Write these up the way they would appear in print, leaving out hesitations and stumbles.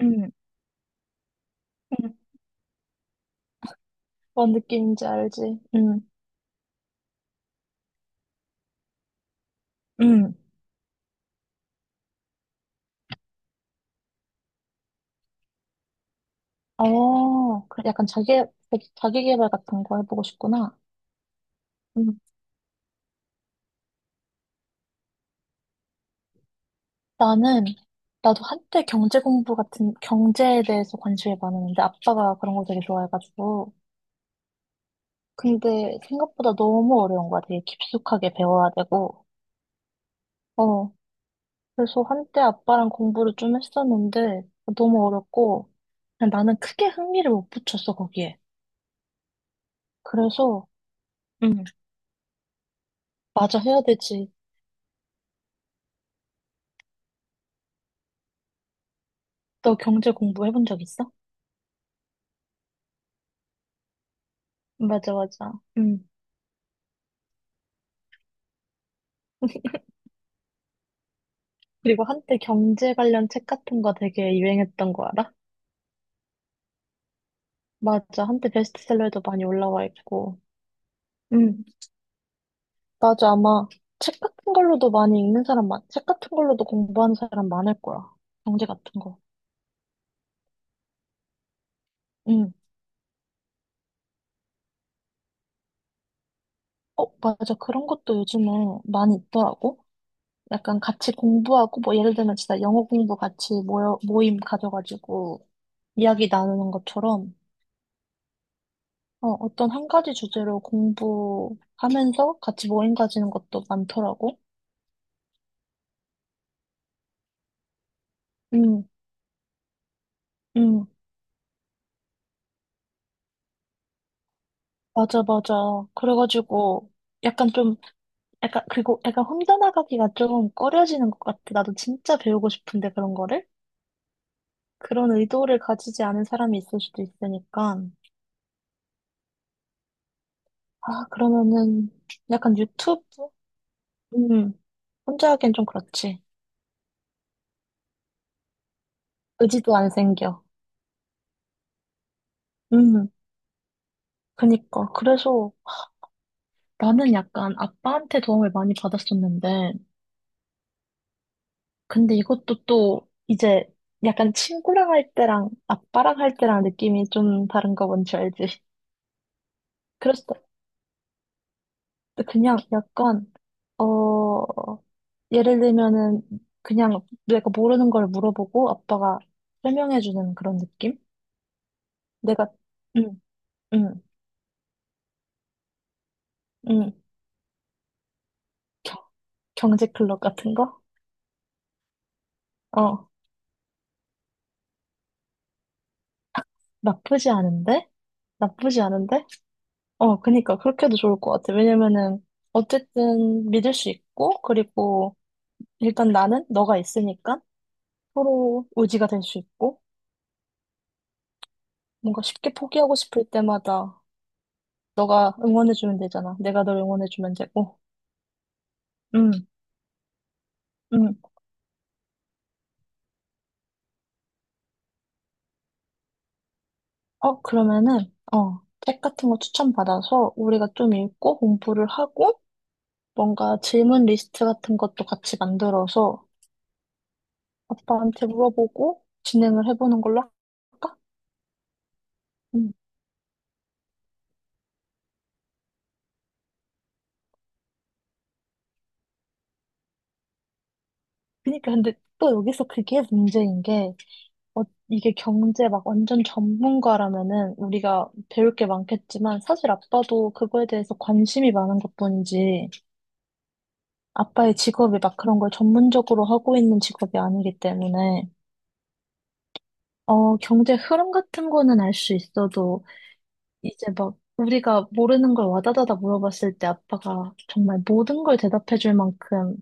음, 음. 뭔 느낌인지 알지? 음, 음. 어, 그 약간 자기 개발 같은 거 해보고 싶구나. 음. 나는, 나도 한때 경제에 대해서 관심이 많았는데, 아빠가 그런 거 되게 좋아해가지고. 근데 생각보다 너무 어려운 거야. 되게 깊숙하게 배워야 되고. 어, 그래서 한때 아빠랑 공부를 좀 했었는데, 너무 어렵고, 그냥 나는 크게 흥미를 못 붙였어, 거기에. 그래서, 음, 맞아, 해야 되지. 너 경제 공부해 본 적 있어? 맞아, 맞아. 음. 그리고 한때 경제 관련 책 같은 거 되게 유행했던 거 알아? 맞아. 한때 베스트셀러에도 많이 올라와 있고. 음. 맞아. 아마 책 같은 걸로도 공부하는 사람 많을 거야. 경제 같은 거. 음. 어, 맞아. 그런 것도 요즘에 많이 있더라고. 약간 같이 공부하고, 뭐, 예를 들면 진짜 영어 공부 같이 모임 가져가지고 이야기 나누는 것처럼 어, 어떤 한 가지 주제로 공부하면서 같이 모임 가지는 것도 많더라고. 응, 응, 맞아, 맞아. 그래가지고 약간 좀, 약간, 그리고 약간 혼자 나가기가 좀 꺼려지는 것 같아. 나도 진짜 배우고 싶은데 그런 거를? 그런 의도를 가지지 않은 사람이 있을 수도 있으니까. 아, 그러면은 약간 유튜브? 음, 혼자 하기엔 좀 그렇지. 의지도 안 생겨. 음, 그니까. 그래서 나는 약간 아빠한테 도움을 많이 받았었는데, 근데 이것도 또 이제 약간 친구랑 할 때랑 아빠랑 할 때랑 느낌이 좀 다른 거 뭔지 알지? 그래서 그냥 약간 어 예를 들면은 그냥 내가 모르는 걸 물어보고 아빠가 설명해 주는 그런 느낌? 내가 응, 응, 응. 경- 경제 클럽 같은 거? 어, 나쁘지 않은데? 나쁘지 않은데? 어, 그니까 그렇게도 좋을 것 같아. 왜냐면은 어쨌든 믿을 수 있고 그리고 일단 나는 너가 있으니까 서로 의지가 될 수 있고, 뭔가 쉽게 포기하고 싶을 때마다 너가 응원해주면 되잖아. 내가 널 응원해주면 되고. 응, 응. 어, 그러면은, 책 같은 거 추천받아서 우리가 좀 읽고 공부를 하고, 뭔가 질문 리스트 같은 것도 같이 만들어서 아빠한테 물어보고 진행을 해보는 걸로 할까? 응. 그니까 근데 또 여기서 그게 문제인 게, 어, 이게 경제 막 완전 전문가라면은 우리가 배울 게 많겠지만 사실 아빠도 그거에 대해서 관심이 많은 것뿐이지 아빠의 직업이 막 그런 걸 전문적으로 하고 있는 직업이 아니기 때문에 경제 흐름 같은 거는 알 수 있어도 이제 막 우리가 모르는 걸 와다다다 물어봤을 때 아빠가 정말 모든 걸 대답해 줄 만큼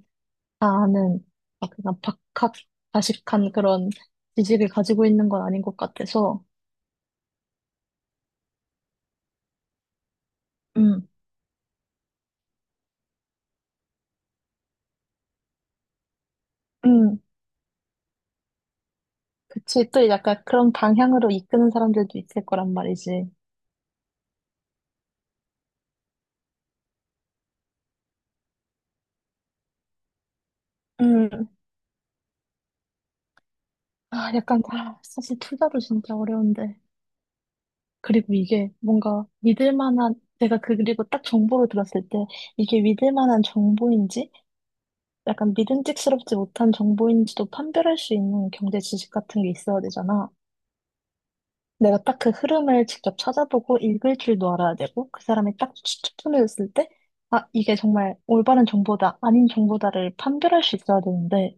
다 아는 막 그냥 박학다식한 그런 지식을 가지고 있는 건 아닌 것 같아서 음. 음, 그치, 또 약간 그런 방향으로 이끄는 사람들도 있을 거란 말이지. 음, 아, 약간, 아, 사실 투자도 진짜 어려운데. 그리고 이게 뭔가 믿을 만한, 내가 그리고 딱 정보를 들었을 때 이게 믿을 만한 정보인지 약간 믿음직스럽지 못한 정보인지도 판별할 수 있는 경제 지식 같은 게 있어야 되잖아. 내가 딱 그 흐름을 직접 찾아보고 읽을 줄도 알아야 되고 그 사람이 딱 추천해줬을 때 아, 이게 정말 올바른 정보다 아닌 정보다를 판별할 수 있어야 되는데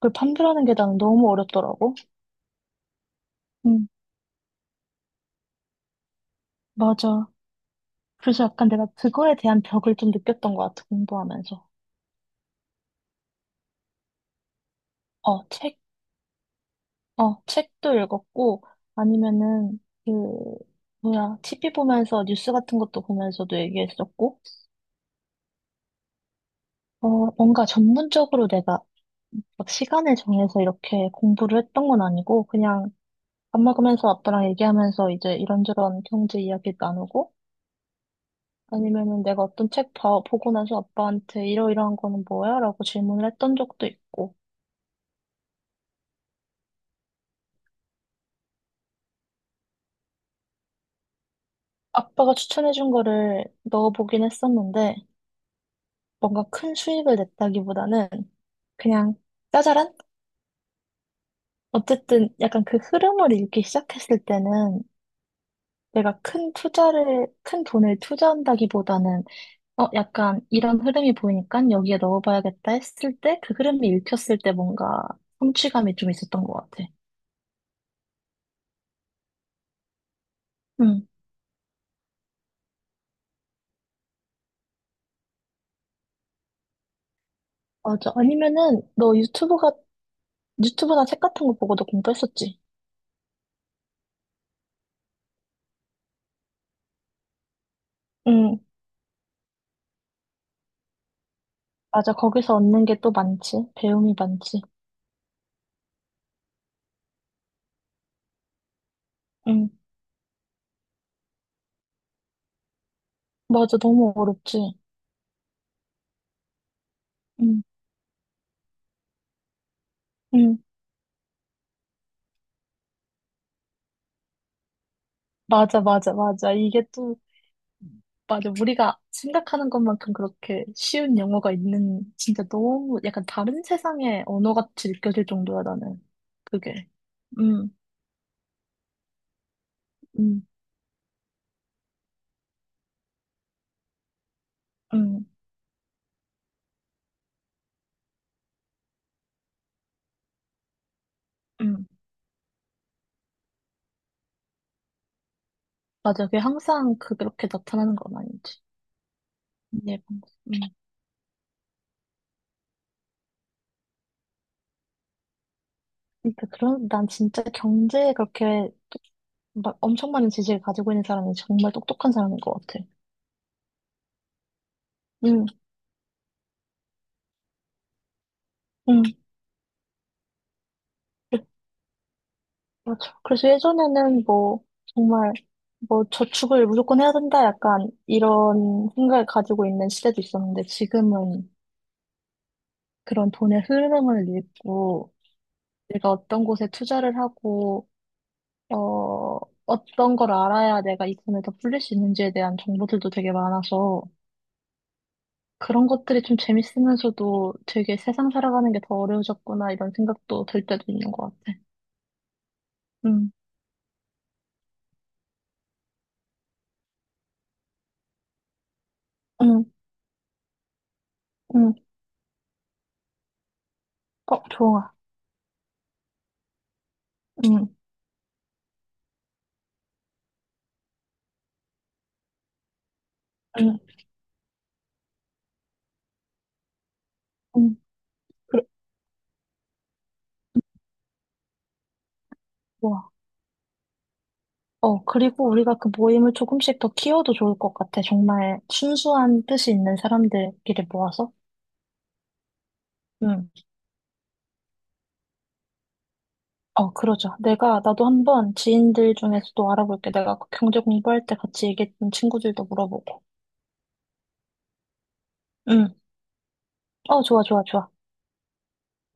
그 판별하는 게 나는 너무 어렵더라고. 응, 맞아. 그래서 약간 내가 그거에 대한 벽을 좀 느꼈던 것 같아, 공부하면서. 어, 책도 읽었고, 아니면은, 그, 뭐야, TV 보면서 뉴스 같은 것도 보면서도 얘기했었고, 어, 뭔가 전문적으로 내가 막 시간을 정해서 이렇게 공부를 했던 건 아니고, 그냥 밥 먹으면서 아빠랑 얘기하면서 이제 이런저런 경제 이야기 나누고, 아니면은 내가 어떤 책 보고 나서 아빠한테 이러이러한 거는 뭐야? 라고 질문을 했던 적도 있고. 아빠가 추천해준 거를 넣어보긴 했었는데, 뭔가 큰 수익을 냈다기보다는 그냥 짜잘한? 어쨌든 약간 그 흐름을 읽기 시작했을 때는 내가 큰 돈을 투자한다기보다는, 어, 약간 이런 흐름이 보이니까 여기에 넣어봐야겠다 했을 때, 그 흐름이 읽혔을 때 뭔가 성취감이 좀 있었던 것 같아. 음. 맞아. 아니면은 너 유튜브나 책 같은 거 보고도 공부했었지. 응, 맞아. 거기서 얻는 게 또 많지. 배움이 많지. 응, 맞아. 너무 어렵지. 응, 응, 맞아, 맞아, 맞아. 이게 또, 맞아. 우리가 생각하는 것만큼 그렇게 쉬운 영어가 있는, 진짜 너무 약간 다른 세상의 언어 같이 느껴질 정도야, 나는. 그게. 응, 응, 응, 응. 맞아. 그게 항상 그렇게 나타나는 건 아니지. 예, 응. 그러니까 그런, 난 진짜 경제에 그렇게 막 엄청 많은 지식을 가지고 있는 사람이 정말 똑똑한 사람인 것 같아. 응, 응, 그- 맞아. 그래서 예전에는 뭐, 정말, 뭐, 저축을 무조건 해야 된다, 약간, 이런 생각을 가지고 있는 시대도 있었는데, 지금은 그런 돈의 흐름을 읽고, 내가 어떤 곳에 투자를 하고, 어, 어떤 걸 알아야 내가 이 돈을 더 불릴 수 있는지에 대한 정보들도 되게 많아서, 그런 것들이 좀 재밌으면서도 되게 세상 살아가는 게 더 어려워졌구나, 이런 생각도 들 때도 있는 것 같아. 응, 응, 응. 어, 좋아. 응, 응, 응. 그래, 좋아. 어, 그리고 우리가 그 모임을 조금씩 더 키워도 좋을 것 같아. 정말 순수한 뜻이 있는 사람들끼리 모아서. 응. 어, 그러자. 나도 한번 지인들 중에서도 알아볼게. 내가 그 경제 공부할 때 같이 얘기했던 친구들도 물어보고. 응. 어, 좋아, 좋아, 좋아.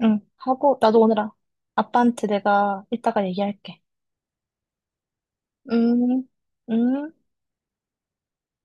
응. 하고, 나도 오늘 아빠한테 내가 이따가 얘기할게. 음, 음.